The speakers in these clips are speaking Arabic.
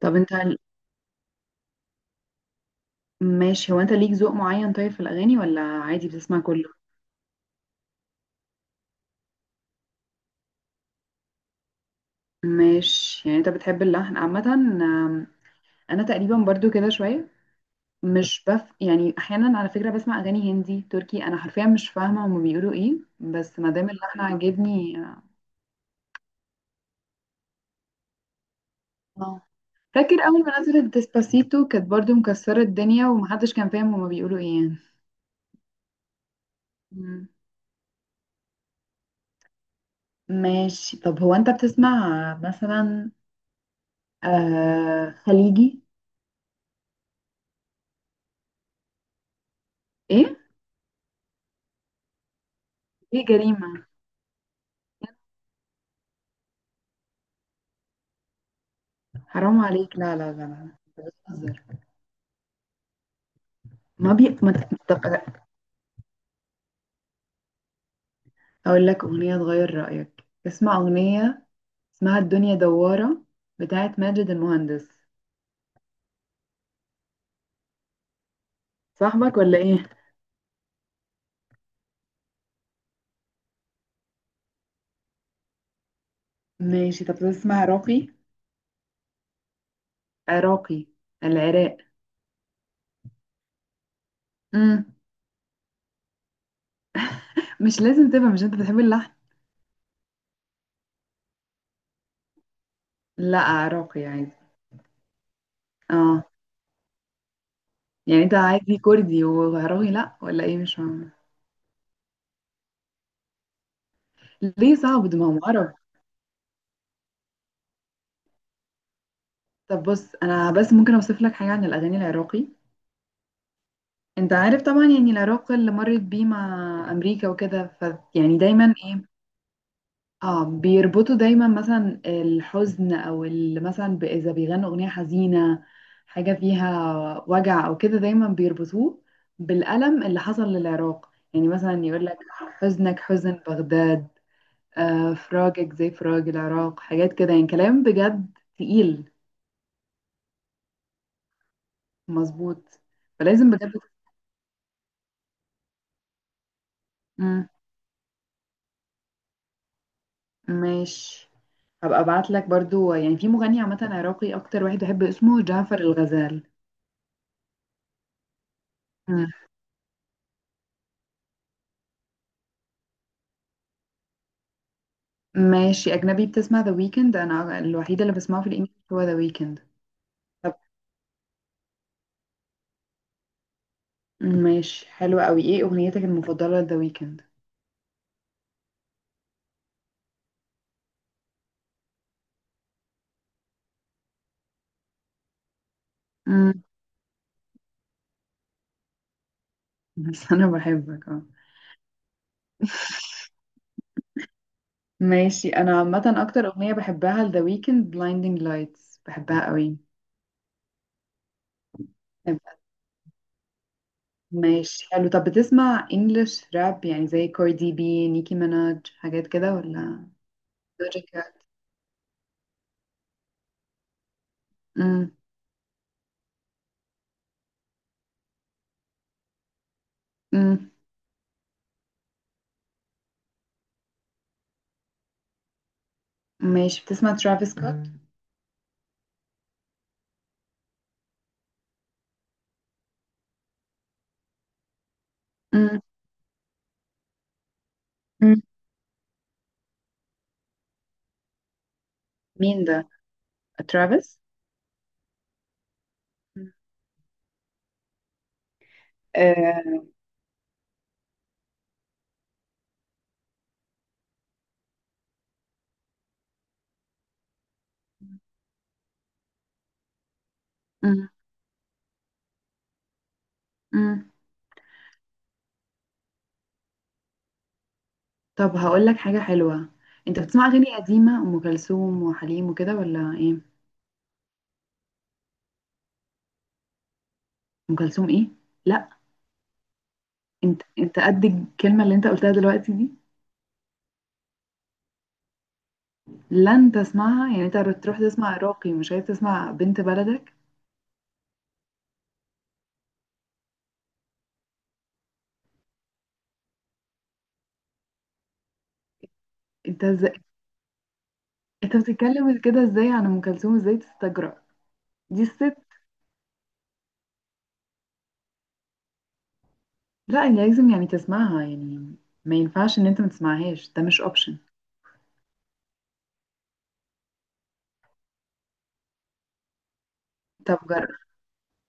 طب انت ماشي، هو انت ليك ذوق معين طيب في الاغاني ولا عادي بتسمع كله؟ ماشي، يعني انت بتحب اللحن عامه؟ انا تقريبا برضو كده شويه. مش يعني احيانا على فكره بسمع اغاني هندي تركي، انا حرفيا مش فاهمه هما بيقولوا ايه، بس ما دام اللحن عاجبني. اه، فاكر اول ما نزلت ديسباسيتو كانت برضو مكسره الدنيا ومحدش كان فاهم هما بيقولوا ايه يعني. مم. ماشي، طب هو انت بتسمع مثلا خليجي؟ ايه؟ ايه جريمه؟ حرام عليك، لا لا لا لا، أنت بتهزر. ما بي ما ت- طب أنا اقول لك اغنيه تغير رايك، اسمع اغنيه اسمها الدنيا دواره بتاعت ماجد المهندس. صاحبك ولا ايه؟ ماشي، طب تسمع عراقي؟ عراقي، العراق. امم مش لازم تبقى، مش انت بتحب اللحن؟ لا عراقي عادي. اه، يعني انت عادي كردي وعراقي لا، ولا ايه؟ مش فاهمه. ليه صعب ده؟ ما هم عرب. طب بص، انا بس ممكن اوصف لك حاجه عن الاغاني العراقي. انت عارف طبعا يعني العراق اللي مرت بيه مع امريكا وكده، ف يعني دايما ايه، اه بيربطوا دايما مثلا الحزن او مثلا اذا بيغنوا اغنيه حزينه حاجه فيها وجع او كده، دايما بيربطوه بالالم اللي حصل للعراق. يعني مثلا يقول لك حزنك حزن بغداد، آه فراقك زي فراق العراق، حاجات كده، يعني كلام بجد تقيل. مظبوط، فلازم بجد. مم. ماشي، هبقى ابعت لك برضو، يعني في مغني عامه عراقي اكتر واحد بحب اسمه جعفر الغزال. مم. ماشي، اجنبي بتسمع ذا ويكند؟ انا الوحيده اللي بسمعه في الانجليزي هو ذا ويكند. طب ماشي حلو قوي، ايه اغنيتك المفضله لذا ويكند؟ مم. بس انا بحبك، اه. ماشي، انا عامه اكتر اغنيه بحبها لذا ويكند blinding lights، بحبها قوي. ماشي حلو، طب بتسمع انجلش راب يعني زي كاردي بي، نيكي ميناج، حاجات كده ولا؟ لوجيكا. امم ماشي، بتسمع ترافيس سكوت؟ مم. امم مم. مين ده؟ ترافيس. مم. آه. امم امم طب هقول لك حاجة حلوة، انت بتسمع اغاني قديمة، ام كلثوم وحليم وكده ولا ايه؟ ام كلثوم، ايه؟ لا، انت انت قد الكلمة اللي انت قلتها دلوقتي دي؟ لن تسمعها يعني؟ انت تروح تسمع عراقي مش عايز تسمع بنت بلدك؟ انت ازاي انت بتتكلم كده؟ ازاي عن ام كلثوم؟ ازاي تستجرأ؟ دي الست. لا، يعني لازم يعني تسمعها يعني، ما ينفعش ان انت ما تسمعهاش، ده مش اوبشن. طب جرب.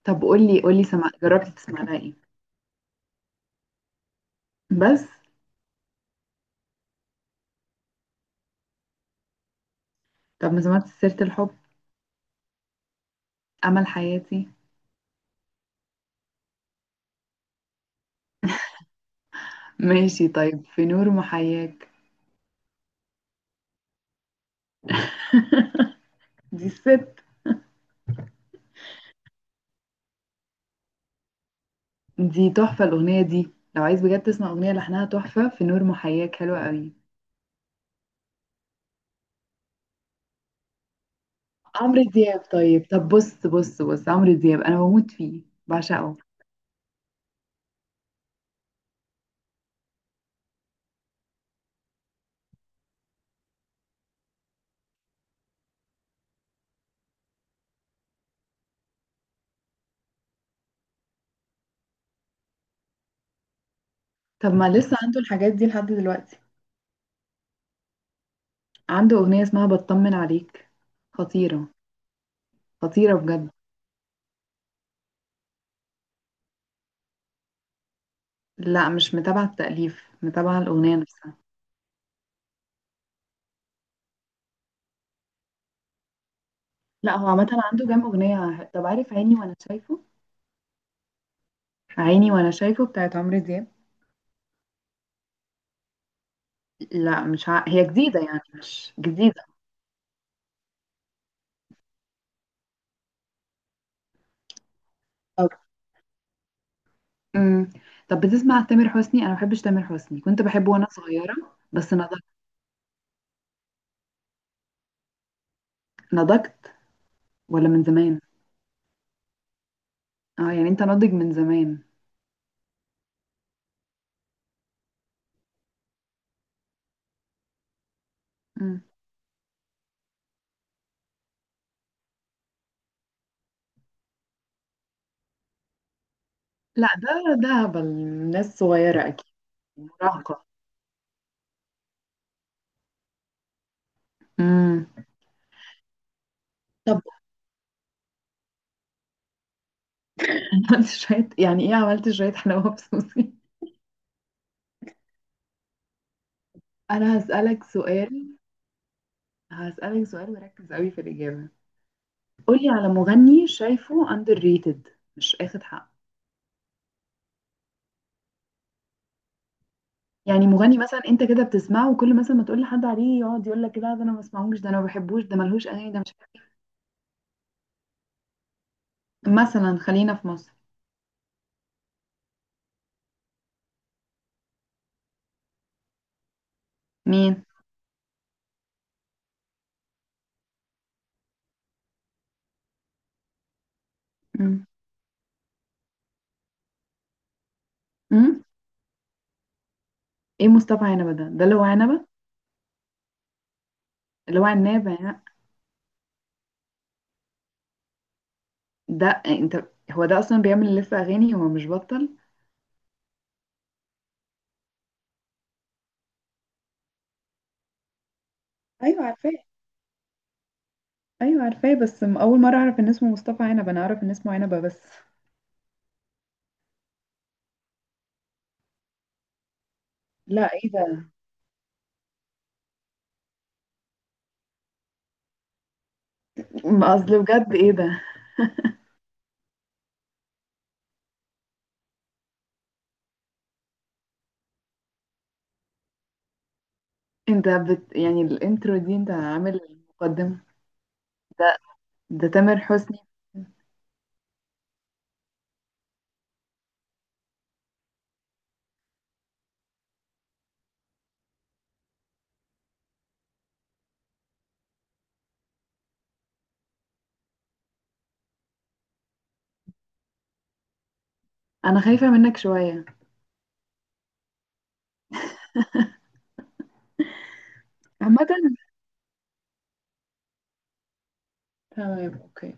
طب قولي، جربت تسمع لها ايه بس؟ طب ما سمعت سيرة الحب؟ أمل حياتي؟ ماشي طيب، في نور محياك؟ دي الست. دي تحفة، الأغنية دي لو عايز بجد تسمع أغنية لحنها تحفة، في نور محياك حلوة قوي. عمرو دياب؟ طيب، طب بص بص بص، عمرو دياب أنا بموت فيه، بعشقه. طب ما لسه عنده الحاجات دي لحد دلوقتي؟ عنده أغنية اسمها بطمن عليك، خطيرة، خطيرة بجد. لا، مش متابعة التأليف، متابعة الأغنية نفسها. لا هو عامة عنده كام أغنية. طب عارف عيني وأنا شايفه؟ عيني وأنا شايفه بتاعت عمرو دياب. لا مش هي جديدة، يعني مش جديدة. طب. امم طب بتسمع تامر حسني؟ أنا ما بحبش تامر حسني، كنت بحبه وأنا صغيرة بس نضجت. نضجت ولا من زمان؟ اه يعني أنت ناضج من زمان. امم لا ده هبل، ناس صغيرة أكيد، مراهقة. امم طب عملت شوية يعني إيه؟ عملت شوية حلاوة بصوصي؟ أنا هسألك سؤال، هسألك سؤال وركز قوي في الإجابة. قولي على مغني شايفه underrated، مش اخد حقه. يعني مغني مثلا انت كده بتسمعه وكل مثلا ما تقول لحد عليه يقعد يقول لك لا ده انا ما بسمعهوش، ده انا ما بحبوش، ده ملهوش اغاني، ده مش عارف. مثلا خلينا في مصر. مين؟ مم. مم؟ ايه مصطفى عنبه ده؟ ده اللي هو عنبه، اللي هو عنابه يعني؟ ده انت، هو ده اصلا بيعمل لف اغاني، هو مش بطل. ايوه عارفاه، ايوه عارفاه بس اول مره اعرف ان اسمه مصطفى عنبه، انا اعرف ان اسمه عنبه بس. لا ايه ده؟ اصل بجد ايه ده؟ انت يعني الانترو دي انت عامل المقدمة؟ ده ده تامر حسني. انا خايفة منك شوية. عامة تمام، اوكي.